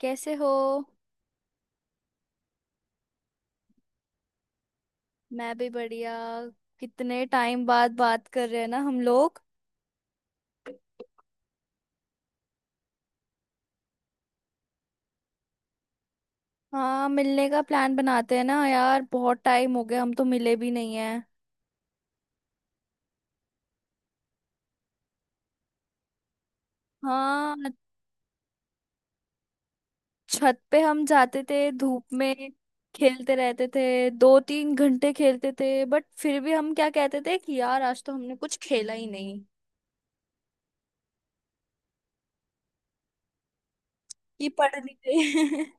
कैसे हो। मैं भी बढ़िया। कितने टाइम बाद बात कर रहे हैं ना हम लोग। हाँ, मिलने का प्लान बनाते हैं ना यार, बहुत टाइम हो गया, हम तो मिले भी नहीं है। हाँ। छत पे हम जाते थे धूप में, खेलते रहते थे। 2-3 घंटे खेलते थे, बट फिर भी हम क्या कहते थे कि यार आज तो हमने कुछ खेला ही नहीं। कि पढ़ नहीं गए।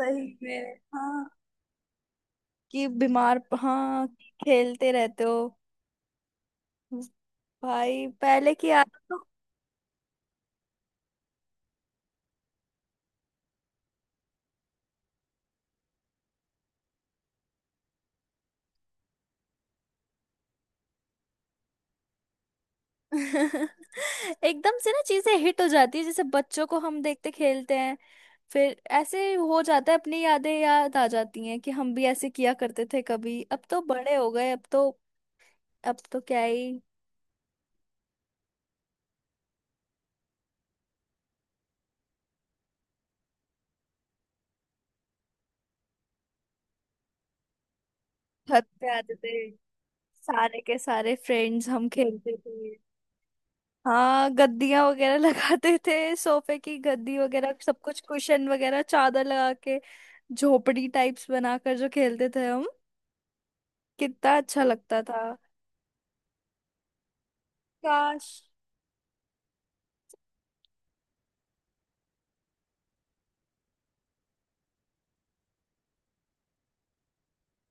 सही में हाँ, कि बीमार, हाँ कि खेलते रहते हो, भाई पहले की आदत तो। एकदम से ना चीजें हिट हो जाती है, जैसे बच्चों को हम देखते खेलते हैं। फिर ऐसे हो जाता है, अपनी यादें याद आ जाती हैं कि हम भी ऐसे किया करते थे कभी। अब तो बड़े हो गए, अब तो, अब तो क्या ही। छत पे आते थे, सारे के सारे फ्रेंड्स हम खेलते थे। हाँ, गद्दियां वगैरह लगाते थे, सोफे की गद्दी वगैरह सब कुछ, कुशन वगैरह चादर लगा के, झोपड़ी टाइप्स बनाकर जो खेलते थे हम। कितना अच्छा लगता था। काश।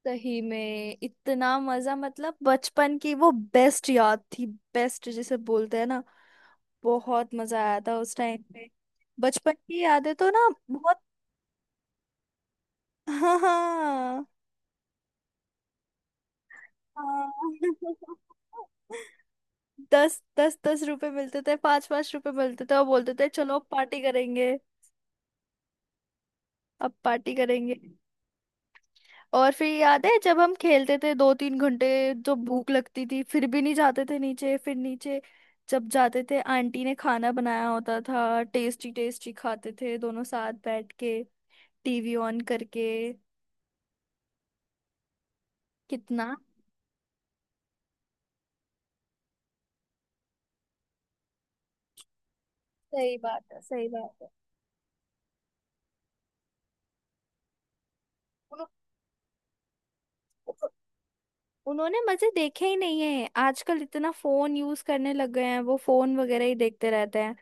सही में इतना मजा, मतलब बचपन की वो बेस्ट याद थी। बेस्ट जिसे बोलते हैं ना। बहुत मजा आया था उस टाइम पे। बचपन की यादें तो ना बहुत। हाँ, हाँ, हाँ। दस दस दस रुपए मिलते थे, पांच पांच रुपए मिलते थे, और बोलते थे चलो अब पार्टी करेंगे, अब पार्टी करेंगे। और फिर याद है जब हम खेलते थे 2-3 घंटे, जो भूख लगती थी फिर भी नहीं जाते थे नीचे। फिर नीचे जब जाते थे आंटी ने खाना बनाया होता था, टेस्टी टेस्टी खाते थे दोनों साथ बैठ के, टीवी ऑन करके, कितना। सही बात है, सही बात है। उन्होंने मजे देखे ही नहीं है, आजकल इतना फोन यूज करने लग गए हैं, वो फोन वगैरह ही देखते रहते हैं।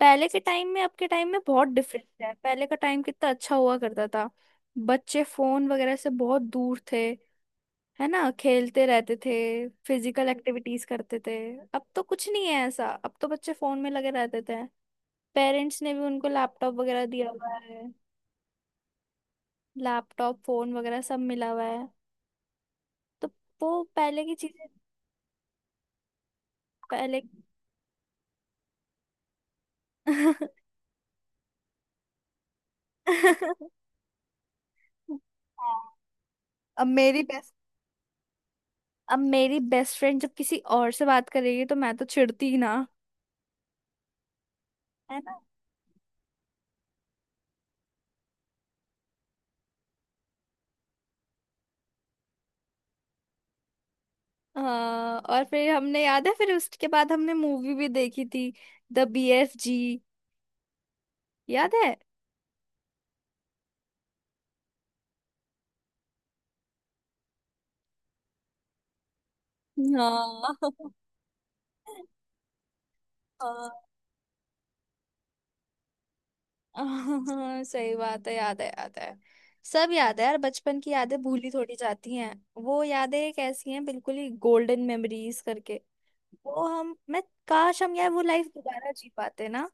पहले के टाइम में, अब के टाइम में बहुत डिफरेंस है। पहले का टाइम कितना अच्छा हुआ करता था। बच्चे फोन वगैरह से बहुत दूर थे, है ना। खेलते रहते थे, फिजिकल एक्टिविटीज करते थे। अब तो कुछ नहीं है ऐसा, अब तो बच्चे फोन में लगे रहते थे। पेरेंट्स ने भी उनको लैपटॉप वगैरह दिया हुआ है, लैपटॉप फोन वगैरह सब मिला हुआ है। तो वो पहले की चीजें, पहले। हाँ। अब मेरी बेस्ट अब मेरी बेस्ट फ्रेंड जब किसी और से बात करेगी तो मैं तो चिढ़ती ही ना, है ना। हाँ, और फिर हमने याद है, फिर उसके बाद हमने मूवी भी देखी थी। The BFG। याद है। हाँ। हाँ, हाँ, सही बात है, याद है, याद है। सब याद है यार, बचपन की यादें भूली थोड़ी जाती हैं। वो यादें एक ऐसी हैं, बिल्कुल ही गोल्डन मेमोरीज करके। वो हम मैं, काश हम यार वो लाइफ दोबारा जी पाते ना।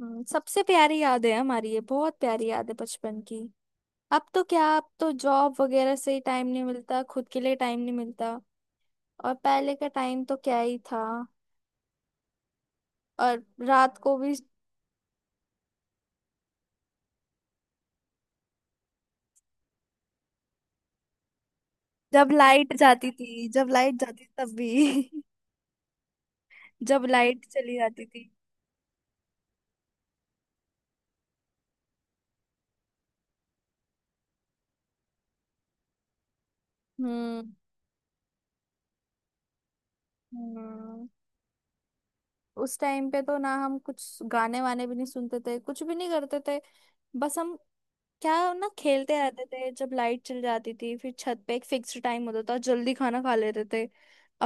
हम्म। सबसे प्यारी याद है हमारी, ये बहुत प्यारी याद है बचपन की। अब तो क्या, अब तो जॉब वगैरह से ही टाइम नहीं मिलता, खुद के लिए टाइम नहीं मिलता। और पहले का टाइम तो क्या ही था। और रात को भी, जब लाइट जाती थी, जब लाइट जाती तब भी जब लाइट चली जाती थी। हम्म, हम्म। उस टाइम पे तो ना हम कुछ गाने वाने भी नहीं सुनते थे, कुछ भी नहीं करते थे, बस हम क्या, हम ना खेलते रहते थे जब लाइट चली जाती थी। फिर छत पे एक फिक्स टाइम होता था, जल्दी खाना खा लेते थे।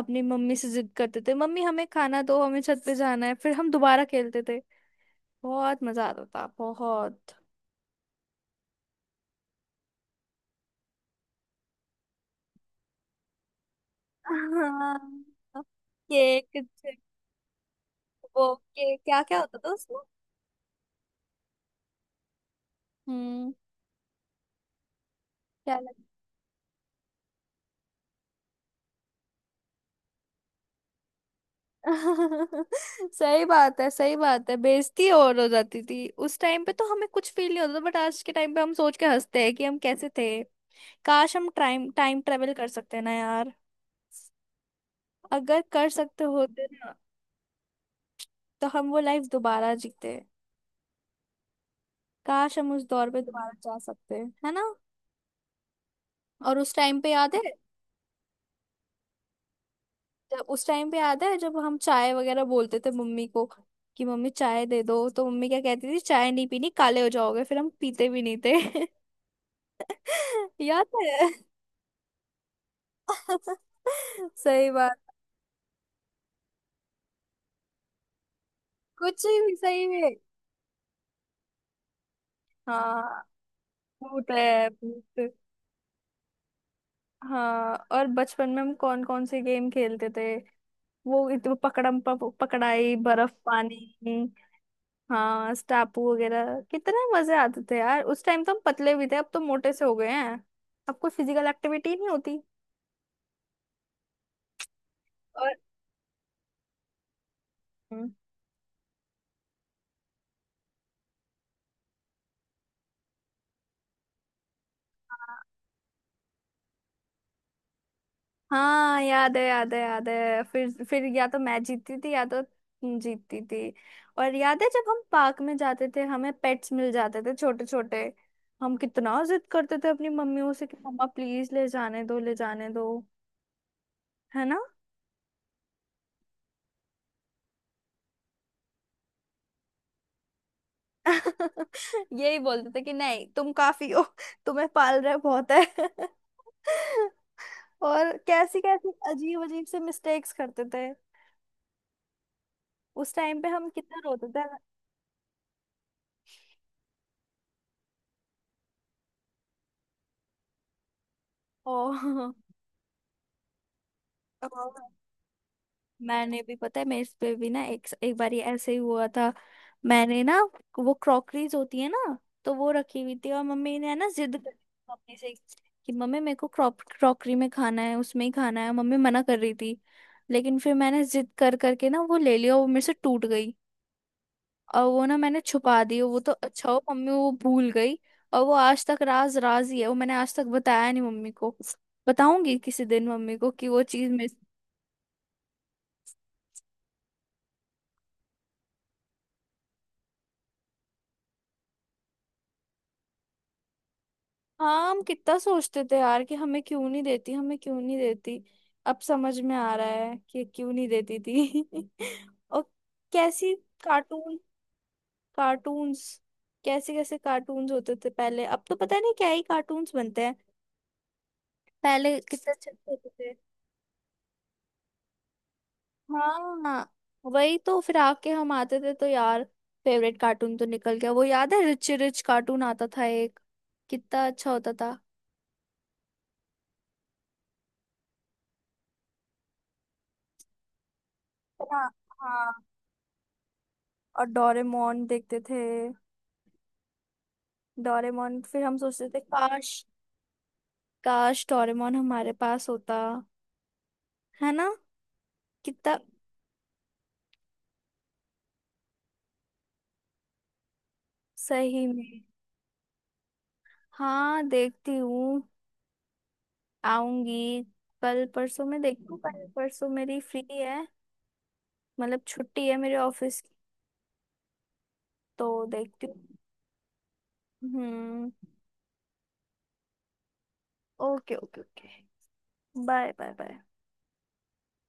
अपनी मम्मी से जिद करते थे, मम्मी हमें खाना दो, हमें छत पे जाना है। फिर हम दोबारा खेलते थे। बहुत मजा आता था, बहुत। हाँ। केक चिप, वो केक क्या क्या होता था उसमें। हम्म। क्या लग, सही बात है, सही बात है, बेइज्जती और हो जाती थी। उस टाइम पे तो हमें कुछ फील नहीं होता था, बट आज के टाइम पे हम सोच के हंसते हैं कि हम कैसे थे। काश हम टाइम टाइम ट्रेवल कर सकते ना यार। अगर कर सकते होते ना, तो हम वो लाइफ दोबारा जीते। काश हम उस दौर पे दोबारा जा सकते, है ना। और उस टाइम पे याद है जब हम चाय वगैरह बोलते थे मम्मी को, कि मम्मी चाय दे दो, तो मम्मी क्या कहती थी, चाय नहीं पीनी, काले हो जाओगे। फिर हम पीते भी नहीं थे। याद है। सही बात। कुछ भी, सही में। हाँ। भूत है भूत। हाँ, और बचपन में हम कौन कौन से गेम खेलते थे। वो वो पकड़म पकड़ाई, बर्फ पानी। हाँ, स्टापू वगैरह। कितने मजे आते थे यार उस टाइम, तो हम पतले भी थे, अब तो मोटे से हो गए हैं। अब कोई फिजिकल एक्टिविटी नहीं होती। और। हम्म। हाँ, याद है, याद है, याद है। फिर या तो मैं जीतती थी, या तो तुम जीतती थी। और याद है, जब हम पार्क में जाते थे हमें पेट्स मिल जाते थे छोटे छोटे। हम कितना जिद करते थे अपनी मम्मियों से, कि मम्मा प्लीज ले जाने दो, ले जाने दो, है ना। यही बोलते थे कि नहीं तुम काफी हो, तुम्हें पाल रहे बहुत है। और कैसी कैसी अजीब अजीब से मिस्टेक्स करते थे। उस टाइम पे हम कितना रोते थे। ओ। मैंने भी पता है, मैं इस पे भी ना एक एक बारी ऐसे ही हुआ था। मैंने ना, वो क्रॉकरीज होती है ना, तो वो रखी हुई थी, और मम्मी ने है ना जिद करी मम्मी से, कि मम्मी मेरे को क्रॉप क्रॉकरी में खाना है, उसमें ही खाना है, मम्मी मना कर रही थी। लेकिन फिर मैंने जिद कर करके ना वो ले लिया, वो मेरे से टूट गई। और वो ना मैंने छुपा दी, वो तो अच्छा हो मम्मी वो भूल गई। और वो आज तक राज राज ही है, वो मैंने आज तक बताया नहीं मम्मी को। बताऊंगी किसी दिन मम्मी को कि वो चीज मिस। हाँ, हम कितना सोचते थे यार कि हमें क्यों नहीं देती, हमें क्यों नहीं देती। अब समझ में आ रहा है कि क्यों नहीं देती थी। और कैसी, कार्टून, कार्टून्स। कैसे कैसे कार्टून्स होते थे पहले, अब तो पता नहीं क्या ही कार्टून्स बनते हैं। पहले कितने अच्छे अच्छे होते थे। हाँ, वही तो। फिर आके हम आते थे तो यार, फेवरेट कार्टून तो निकल गया, वो याद है, रिच रिच कार्टून आता था एक। कितना अच्छा होता था। हाँ, हाँ। और डोरेमोन देखते थे, डोरेमोन फिर हम सोचते थे, काश। काश डोरेमोन हमारे पास होता, है ना। कितना। सही में। हाँ, देखती हूँ, आऊंगी। कल परसों में देखती हूँ, कल परसों मेरी फ्री है, मतलब छुट्टी है मेरे ऑफिस की, तो देखती हूँ। हम्म। Okay, okay, okay. Bye, bye, bye.